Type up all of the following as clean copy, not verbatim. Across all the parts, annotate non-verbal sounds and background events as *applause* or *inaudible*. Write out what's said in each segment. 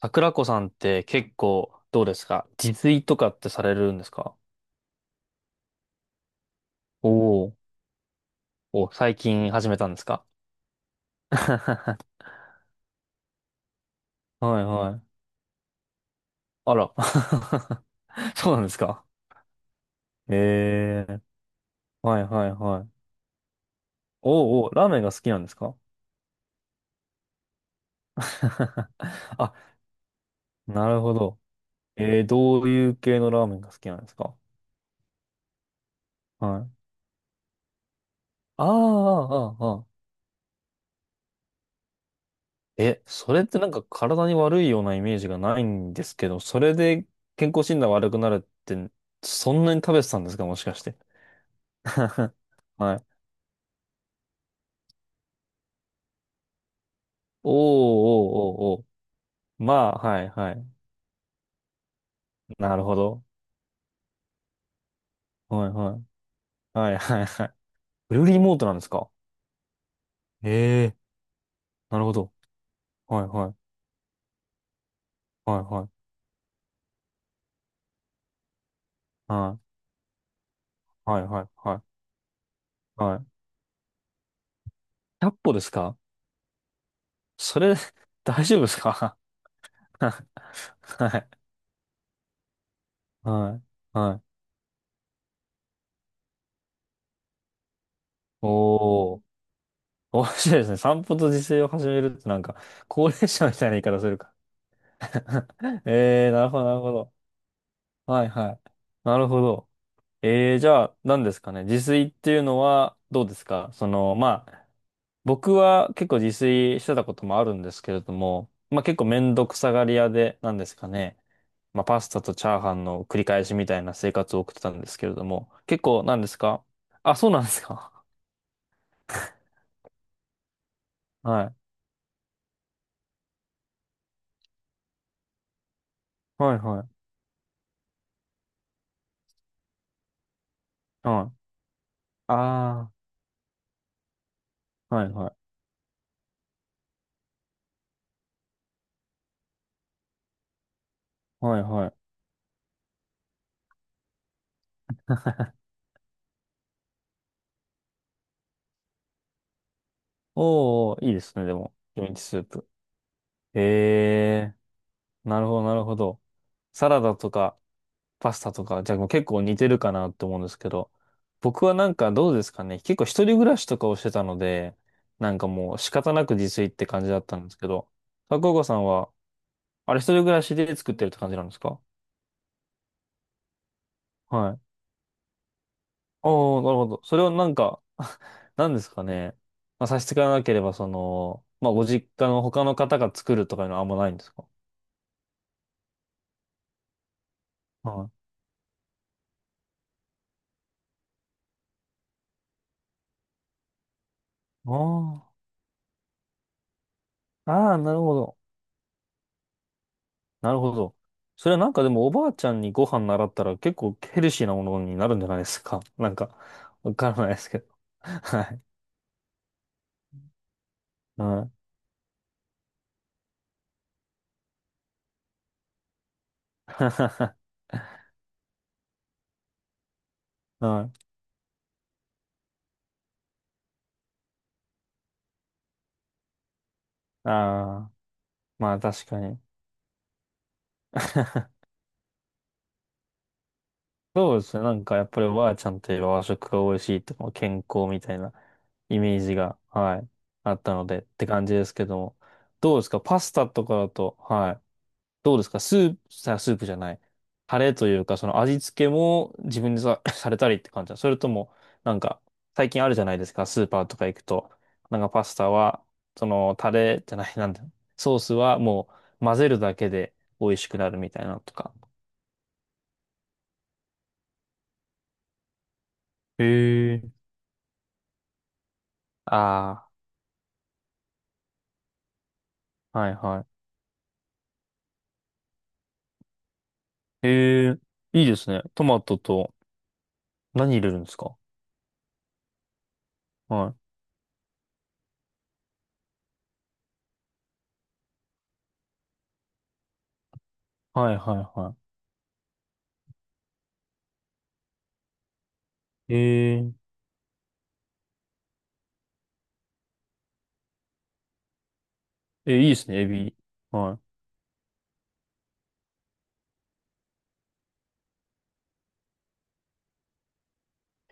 桜子さんって結構どうですか？自炊とかってされるんですか？おおー。お、最近始めたんですか？ *laughs* はいはい。あら。*laughs* そうなんですか？ええー。はいはいはい。おうおー、ラーメンが好きなんですか？ *laughs* あ、なるほど。どういう系のラーメンが好きなんですか？はい。ああ、ああ、あえ、それってなんか体に悪いようなイメージがないんですけど、それで健康診断悪くなるって、そんなに食べてたんですか、もしかして。*laughs* はい。おーおーおーおー。まあ、はいはい。なるほど。はいはい。はいはいはい。フルリモートなんですか？ええー、なるほど。はいはい。はいはい。はいはいはいはい。はい。ひゃっ歩ですか？それ、*laughs* 大丈夫ですか？ *laughs* はい。はい。はい。おー。面白いですね。散歩と自炊を始めるってなんか、高齢者みたいな言い方するか。*laughs* ええー、なるほど、なるほど。はい、はい。なるほど。ええー、じゃあ、何ですかね。自炊っていうのは、どうですかその、まあ、僕は結構自炊してたこともあるんですけれども、まあ結構めんどくさがり屋で、何ですかね。まあパスタとチャーハンの繰り返しみたいな生活を送ってたんですけれども、結構何ですか？あ、そうなんですか。*laughs* はい。はい、はい。はい。ああ、はい、はい。はいはい。おー、いいですね、でも。キムチスープ。えなるほど、なるほど。サラダとか、パスタとか、じゃあもう結構似てるかなって思うんですけど、僕はなんかどうですかね。結構一人暮らしとかをしてたので、なんかもう仕方なく自炊って感じだったんですけど、高岡さんは、あれ、一人暮らしで作ってるって感じなんですか？はい。おー、なるほど。それをなんか、*laughs* なんですかね。まあ、差し支えなければ、その、まあ、ご実家の他の方が作るとかいうのはあんまないんですか？ああ、ああ、なるほど。なるほど。それはなんかでもおばあちゃんにご飯習ったら結構ヘルシーなものになるんじゃないですか。*laughs* なんか、わからないですけど。*laughs* はい。うん。*laughs* うんああ、まあ確かに。*laughs* そうですね。なんかやっぱりおばあちゃんといえば和食が美味しいとか健康みたいなイメージが、はい、あったのでって感じですけども。どうですか、パスタとかだと。はい。どうですかスープ、さ、スープじゃない。タレというか、その味付けも自分でさ、*coughs* *laughs* されたりって感じだ。それとも、なんか、最近あるじゃないですか、スーパーとか行くと。なんかパスタは、その、タレじゃない、なんだ、ソースはもう混ぜるだけで美味しくなるみたいなのとか。へえ。ああ、はいはい。へえ、いいですね。トマトと何入れるんですか？はい。はいはいはい。へえ、え、いいですね、エビ。は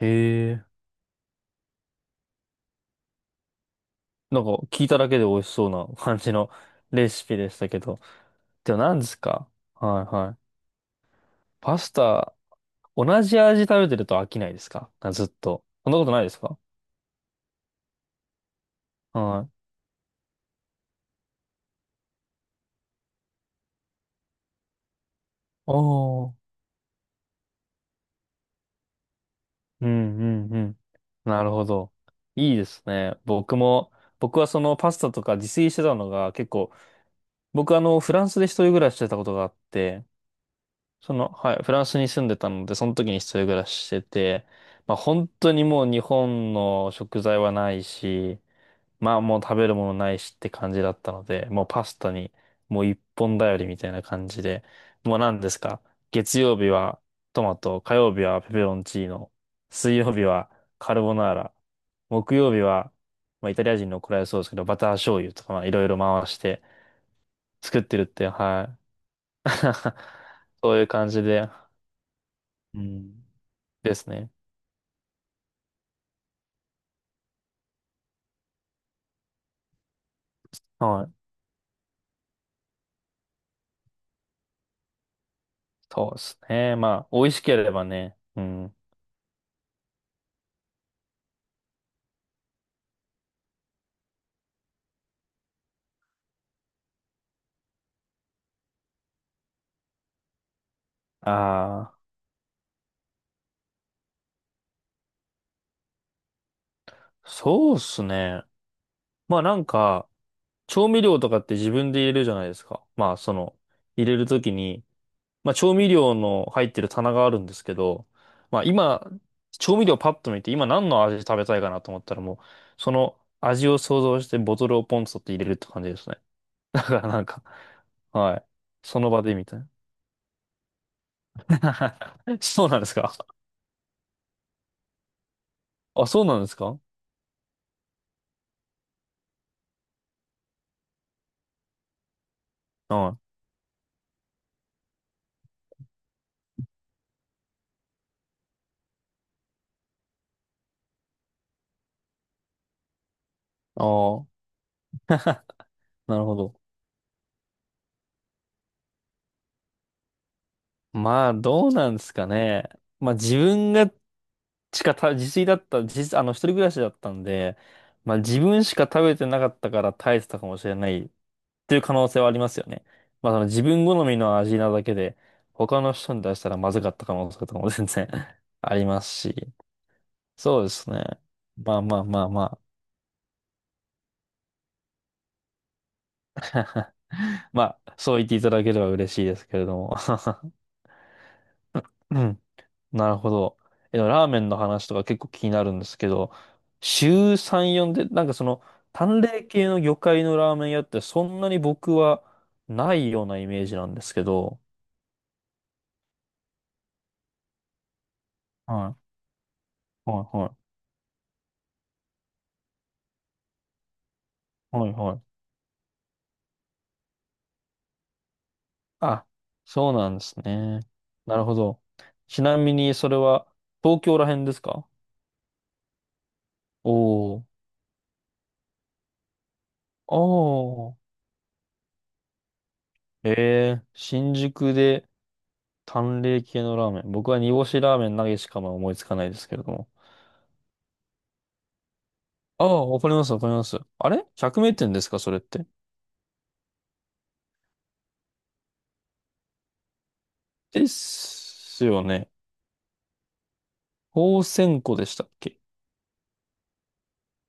い。へえ。なんか聞いただけで美味しそうな感じのレシピでしたけど。でも何ですか？はいはい。パスタ、同じ味食べてると飽きないですかあ、ずっと。そんなことないですか？はい。おー。うんうんうん。なるほど。いいですね。僕はそのパスタとか自炊してたのが結構、僕フランスで一人暮らししてたことがあって、その、はい、フランスに住んでたので、その時に一人暮らししてて、まあ本当にもう日本の食材はないし、まあもう食べるものないしって感じだったので、もうパスタにもう一本頼りみたいな感じで、もう何ですか、月曜日はトマト、火曜日はペペロンチーノ、水曜日はカルボナーラ、木曜日は、まあイタリア人の怒られそうですけど、バター醤油とかまあいろいろ回して作ってるって、はい。*laughs* そういう感じで。うんですね。はい。そうですね。まあ、美味しければね。うん。ああ、そうですね。まあなんか、調味料とかって自分で入れるじゃないですか。まあ、その、入れるときに、まあ、調味料の入ってる棚があるんですけど、まあ、今、調味料パッと見て、今何の味食べたいかなと思ったらもう、その味を想像してボトルをポンと取って入れるって感じですね。*laughs* だからなんか、はい。その場でみたいな。*laughs* そうなんですか？あ、そうなんですか？はい。ああ、なるほど。まあ、どうなんですかね。まあ、自分がしかた、自炊だった、自、あの、一人暮らしだったんで、まあ、自分しか食べてなかったから耐えてたかもしれないっていう可能性はありますよね。まあ、その自分好みの味なだけで、他の人に出したらまずかった可能性とかも全然 *laughs* ありますし。そうですね。まあまあまあまあ。*laughs* まあ、そう言っていただければ嬉しいですけれども。*laughs* うん、なるほど。え、でもラーメンの話とか結構気になるんですけど、週3、4で、なんかその、淡麗系の魚介のラーメン屋ってそんなに僕はないようなイメージなんですけど、はい、はい、はい、はい、はい。あ、そうなんですね。なるほど。ちなみにそれは東京ら辺ですか？おおああ。ええ、新宿で淡麗系のラーメン。僕は煮干しラーメン投げしかまあ思いつかないですけれども。ああ、わかります、わかります。あれ？ 100 名店ですか、それって。ですよね。鳳仙湖でしたっけ？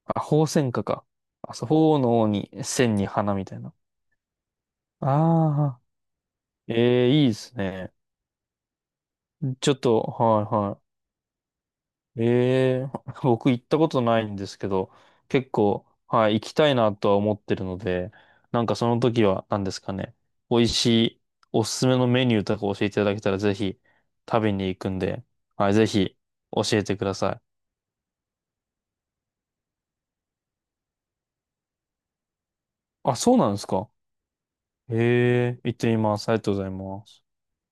あ、鳳仙花か。あ、そう、鳳の王に、仙に花みたいな。ああ、ええ、いいですね。ちょっと、はい、ええ、 *laughs* 僕行ったことないんですけど、結構、はい、行きたいなとは思ってるので、なんかその時は何ですかね、美味しいおすすめのメニューとか教えていただけたらぜひ食べに行くんで、はい、ぜひ教えてください。あ、そうなんですか。ええ、行ってみます。ありがとうございます。